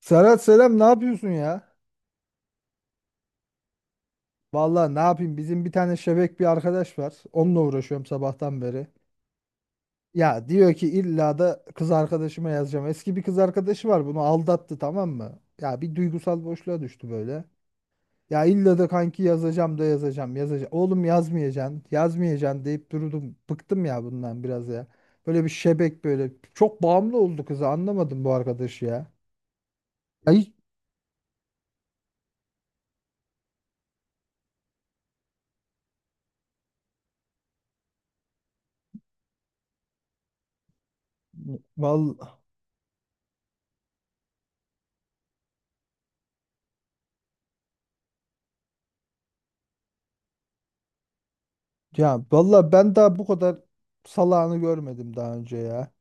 Serhat selam, ne yapıyorsun ya? Vallahi ne yapayım, bizim bir tane şebek bir arkadaş var. Onunla uğraşıyorum sabahtan beri. Ya diyor ki illa da kız arkadaşıma yazacağım. Eski bir kız arkadaşı var, bunu aldattı, tamam mı? Ya bir duygusal boşluğa düştü böyle. Ya illa da kanki yazacağım da yazacağım yazacağım. Oğlum yazmayacaksın yazmayacaksın deyip durdum. Bıktım ya bundan biraz ya. Böyle bir şebek böyle. Çok bağımlı oldu kıza, anlamadım bu arkadaşı ya. Ay, vallahi. Ya valla ben daha bu kadar salağını görmedim daha önce ya.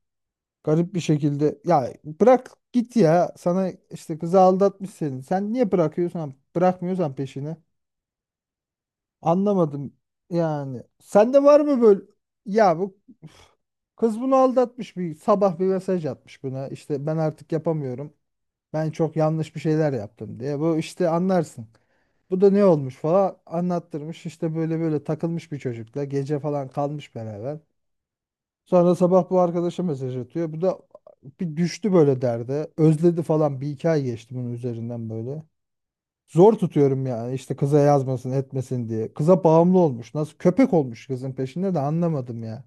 Garip bir şekilde, ya bırak git ya, sana işte kızı aldatmış seni. Sen niye bırakıyorsan bırakmıyorsan peşini anlamadım yani. Sende var mı böyle? Ya bu, üf. Kız bunu aldatmış, bir sabah bir mesaj atmış buna, işte ben artık yapamıyorum. Ben çok yanlış bir şeyler yaptım diye. Bu işte anlarsın. Bu da ne olmuş falan anlattırmış, işte böyle böyle takılmış bir çocukla, gece falan kalmış beraber. Sonra sabah bu arkadaşa mesaj atıyor. Bu da bir düştü böyle derde. Özledi falan, bir iki ay geçti bunun üzerinden böyle. Zor tutuyorum yani, işte kıza yazmasın etmesin diye. Kıza bağımlı olmuş. Nasıl köpek olmuş kızın peşinde de, anlamadım ya.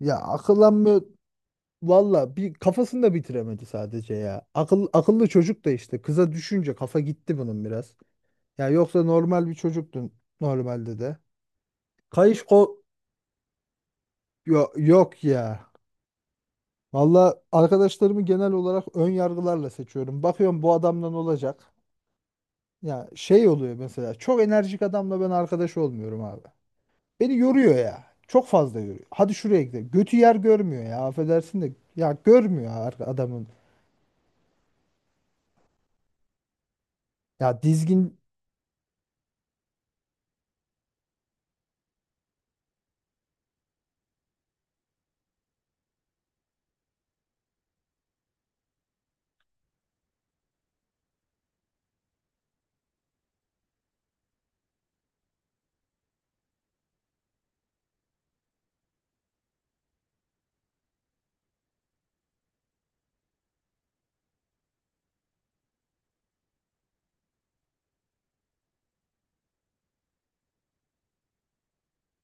Ya akıllanmıyor. Valla bir kafasını da bitiremedi sadece ya. Akıl, akıllı çocuk da, işte kıza düşünce kafa gitti bunun biraz. Ya yoksa normal bir çocuktun normalde de. Kayış ko. Yok ya. Valla arkadaşlarımı genel olarak ön yargılarla seçiyorum. Bakıyorum bu adamdan olacak. Ya şey oluyor mesela, çok enerjik adamla ben arkadaş olmuyorum abi. Beni yoruyor ya. Çok fazla yoruyor. Hadi şuraya gidelim. Götü yer görmüyor ya, affedersin de. Ya görmüyor adamın. Ya dizgin.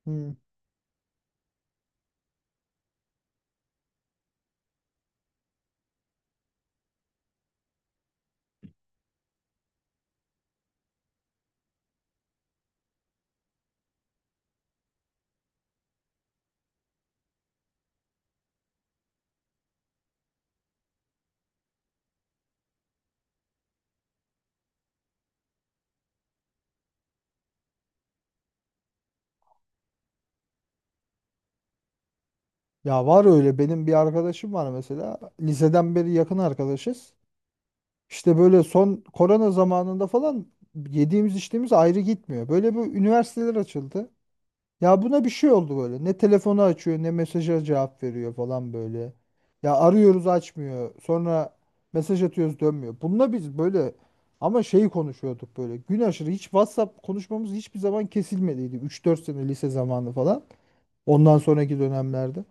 Hmm. Ya var öyle, benim bir arkadaşım var mesela. Liseden beri yakın arkadaşız. İşte böyle son korona zamanında falan, yediğimiz içtiğimiz ayrı gitmiyor. Böyle bir üniversiteler açıldı. Ya buna bir şey oldu böyle. Ne telefonu açıyor, ne mesaja cevap veriyor falan böyle. Ya arıyoruz açmıyor. Sonra mesaj atıyoruz dönmüyor. Bununla biz böyle, ama şeyi konuşuyorduk böyle. Gün aşırı hiç WhatsApp konuşmamız hiçbir zaman kesilmediydi. Üç dört sene lise zamanı falan. Ondan sonraki dönemlerde.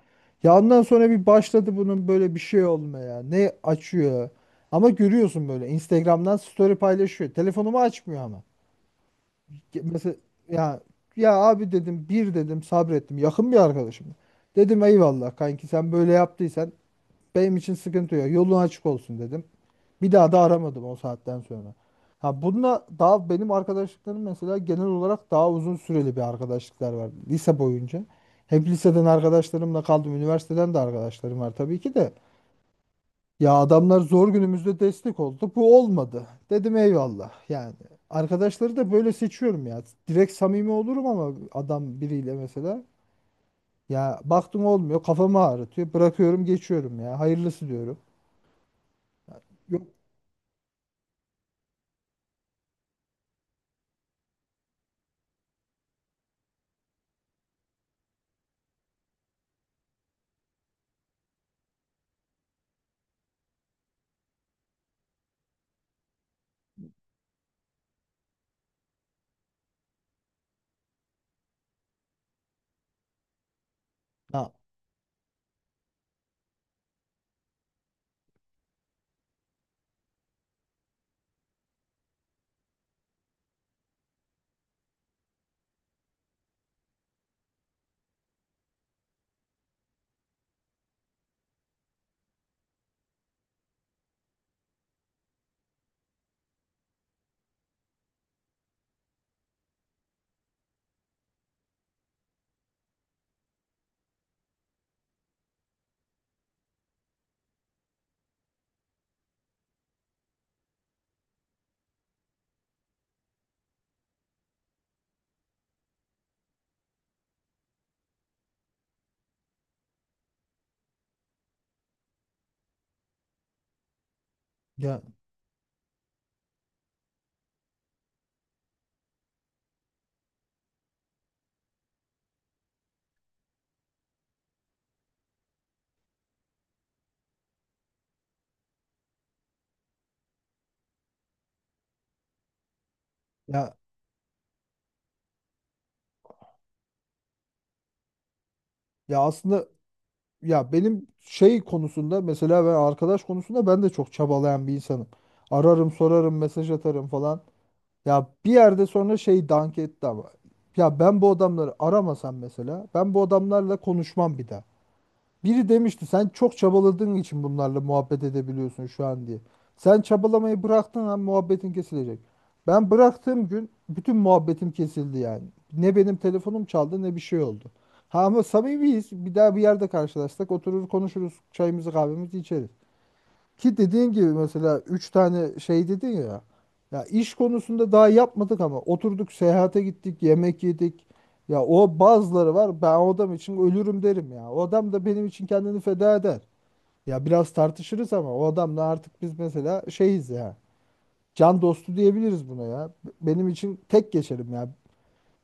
Ya ondan sonra bir başladı bunun böyle bir şey olmaya. Ne açıyor. Ama görüyorsun böyle Instagram'dan story paylaşıyor. Telefonumu açmıyor ama. Mesela, ya, ya abi dedim, bir dedim sabrettim yakın bir arkadaşım. Dedim eyvallah kanki, sen böyle yaptıysan benim için sıkıntı yok, yolun açık olsun dedim. Bir daha da aramadım o saatten sonra. Ha bununla daha, benim arkadaşlıklarım mesela genel olarak daha uzun süreli bir arkadaşlıklar var lise boyunca. Hep liseden arkadaşlarımla kaldım, üniversiteden de arkadaşlarım var tabii ki de. Ya adamlar zor günümüzde destek oldu. Bu olmadı. Dedim eyvallah. Yani arkadaşları da böyle seçiyorum ya. Direkt samimi olurum ama adam biriyle mesela. Ya baktım olmuyor. Kafamı ağrıtıyor. Bırakıyorum geçiyorum ya. Hayırlısı diyorum. Yok. Ya, ya, ya, ya aslında, ya benim şey konusunda, mesela ben arkadaş konusunda ben de çok çabalayan bir insanım. Ararım sorarım mesaj atarım falan. Ya bir yerde sonra şey dank etti ama. Ya ben bu adamları aramasam, mesela ben bu adamlarla konuşmam bir daha. Biri demişti sen çok çabaladığın için bunlarla muhabbet edebiliyorsun şu an diye. Sen çabalamayı bıraktığın an muhabbetin kesilecek. Ben bıraktığım gün bütün muhabbetim kesildi yani. Ne benim telefonum çaldı, ne bir şey oldu. Ha ama samimiyiz. Bir daha bir yerde karşılaşsak oturur konuşuruz. Çayımızı kahvemizi içeriz. Ki dediğin gibi mesela 3 tane şey dedin ya. Ya iş konusunda daha yapmadık ama oturduk, seyahate gittik, yemek yedik. Ya o bazıları var. Ben o adam için ölürüm derim ya. O adam da benim için kendini feda eder. Ya biraz tartışırız ama o adamla artık biz mesela şeyiz ya. Can dostu diyebiliriz buna ya. Benim için tek geçerim ya.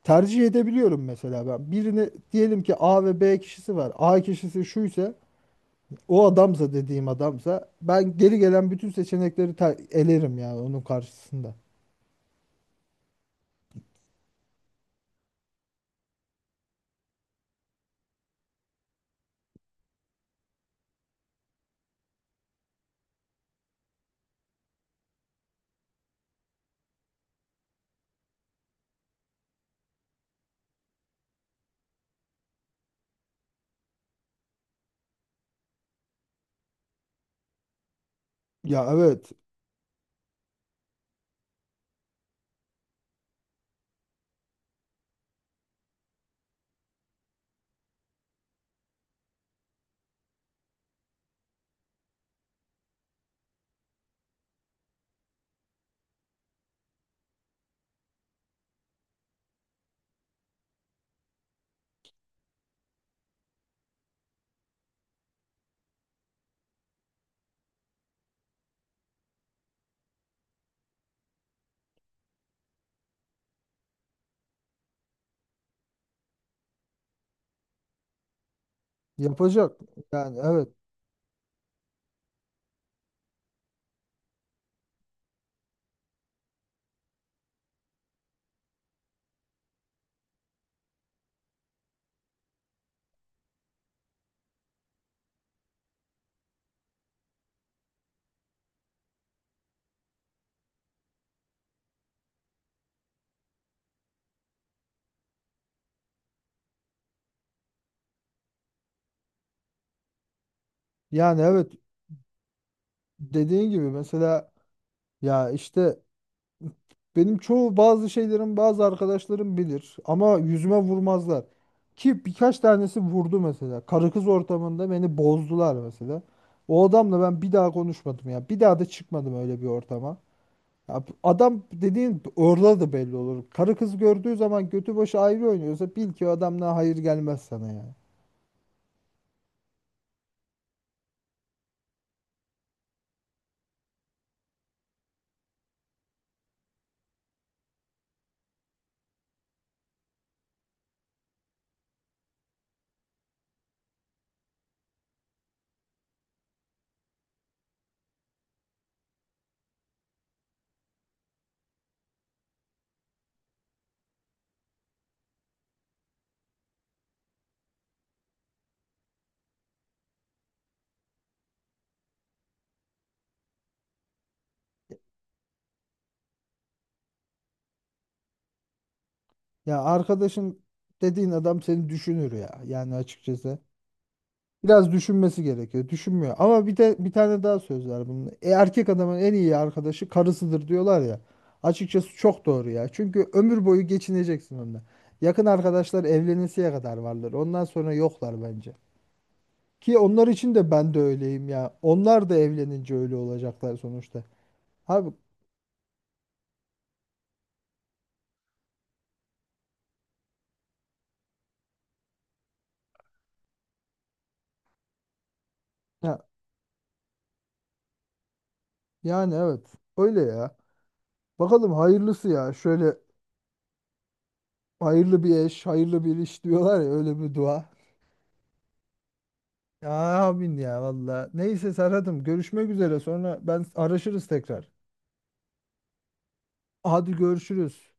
Tercih edebiliyorum mesela ben. Birini, diyelim ki A ve B kişisi var. A kişisi şu ise, o adamsa, dediğim adamsa ben geri gelen bütün seçenekleri elerim yani onun karşısında. Ya evet, yapacak. Yani evet. Yani evet, dediğin gibi mesela, ya işte benim çoğu bazı şeylerim, bazı arkadaşlarım bilir ama yüzüme vurmazlar. Ki birkaç tanesi vurdu mesela. Karı kız ortamında beni bozdular mesela. O adamla ben bir daha konuşmadım ya. Bir daha da çıkmadım öyle bir ortama. Ya bu adam dediğin orada da belli olur. Karı kız gördüğü zaman götü başı ayrı oynuyorsa, bil ki o adamdan hayır gelmez sana ya. Ya arkadaşın dediğin adam seni düşünür ya. Yani açıkçası. Biraz düşünmesi gerekiyor. Düşünmüyor. Ama bir de bir tane daha söz var bunun. Erkek adamın en iyi arkadaşı karısıdır diyorlar ya. Açıkçası çok doğru ya. Çünkü ömür boyu geçineceksin onunla. Yakın arkadaşlar evlenesiye kadar vardır. Ondan sonra yoklar bence. Ki onlar için de ben de öyleyim ya. Onlar da evlenince öyle olacaklar sonuçta. Abi ya, yani evet öyle ya. Bakalım hayırlısı ya. Şöyle hayırlı bir eş, hayırlı bir iş diyorlar ya, öyle bir dua. Ya amin ya valla. Neyse Serhat'ım, görüşmek üzere. Sonra ben araşırız tekrar. Hadi görüşürüz.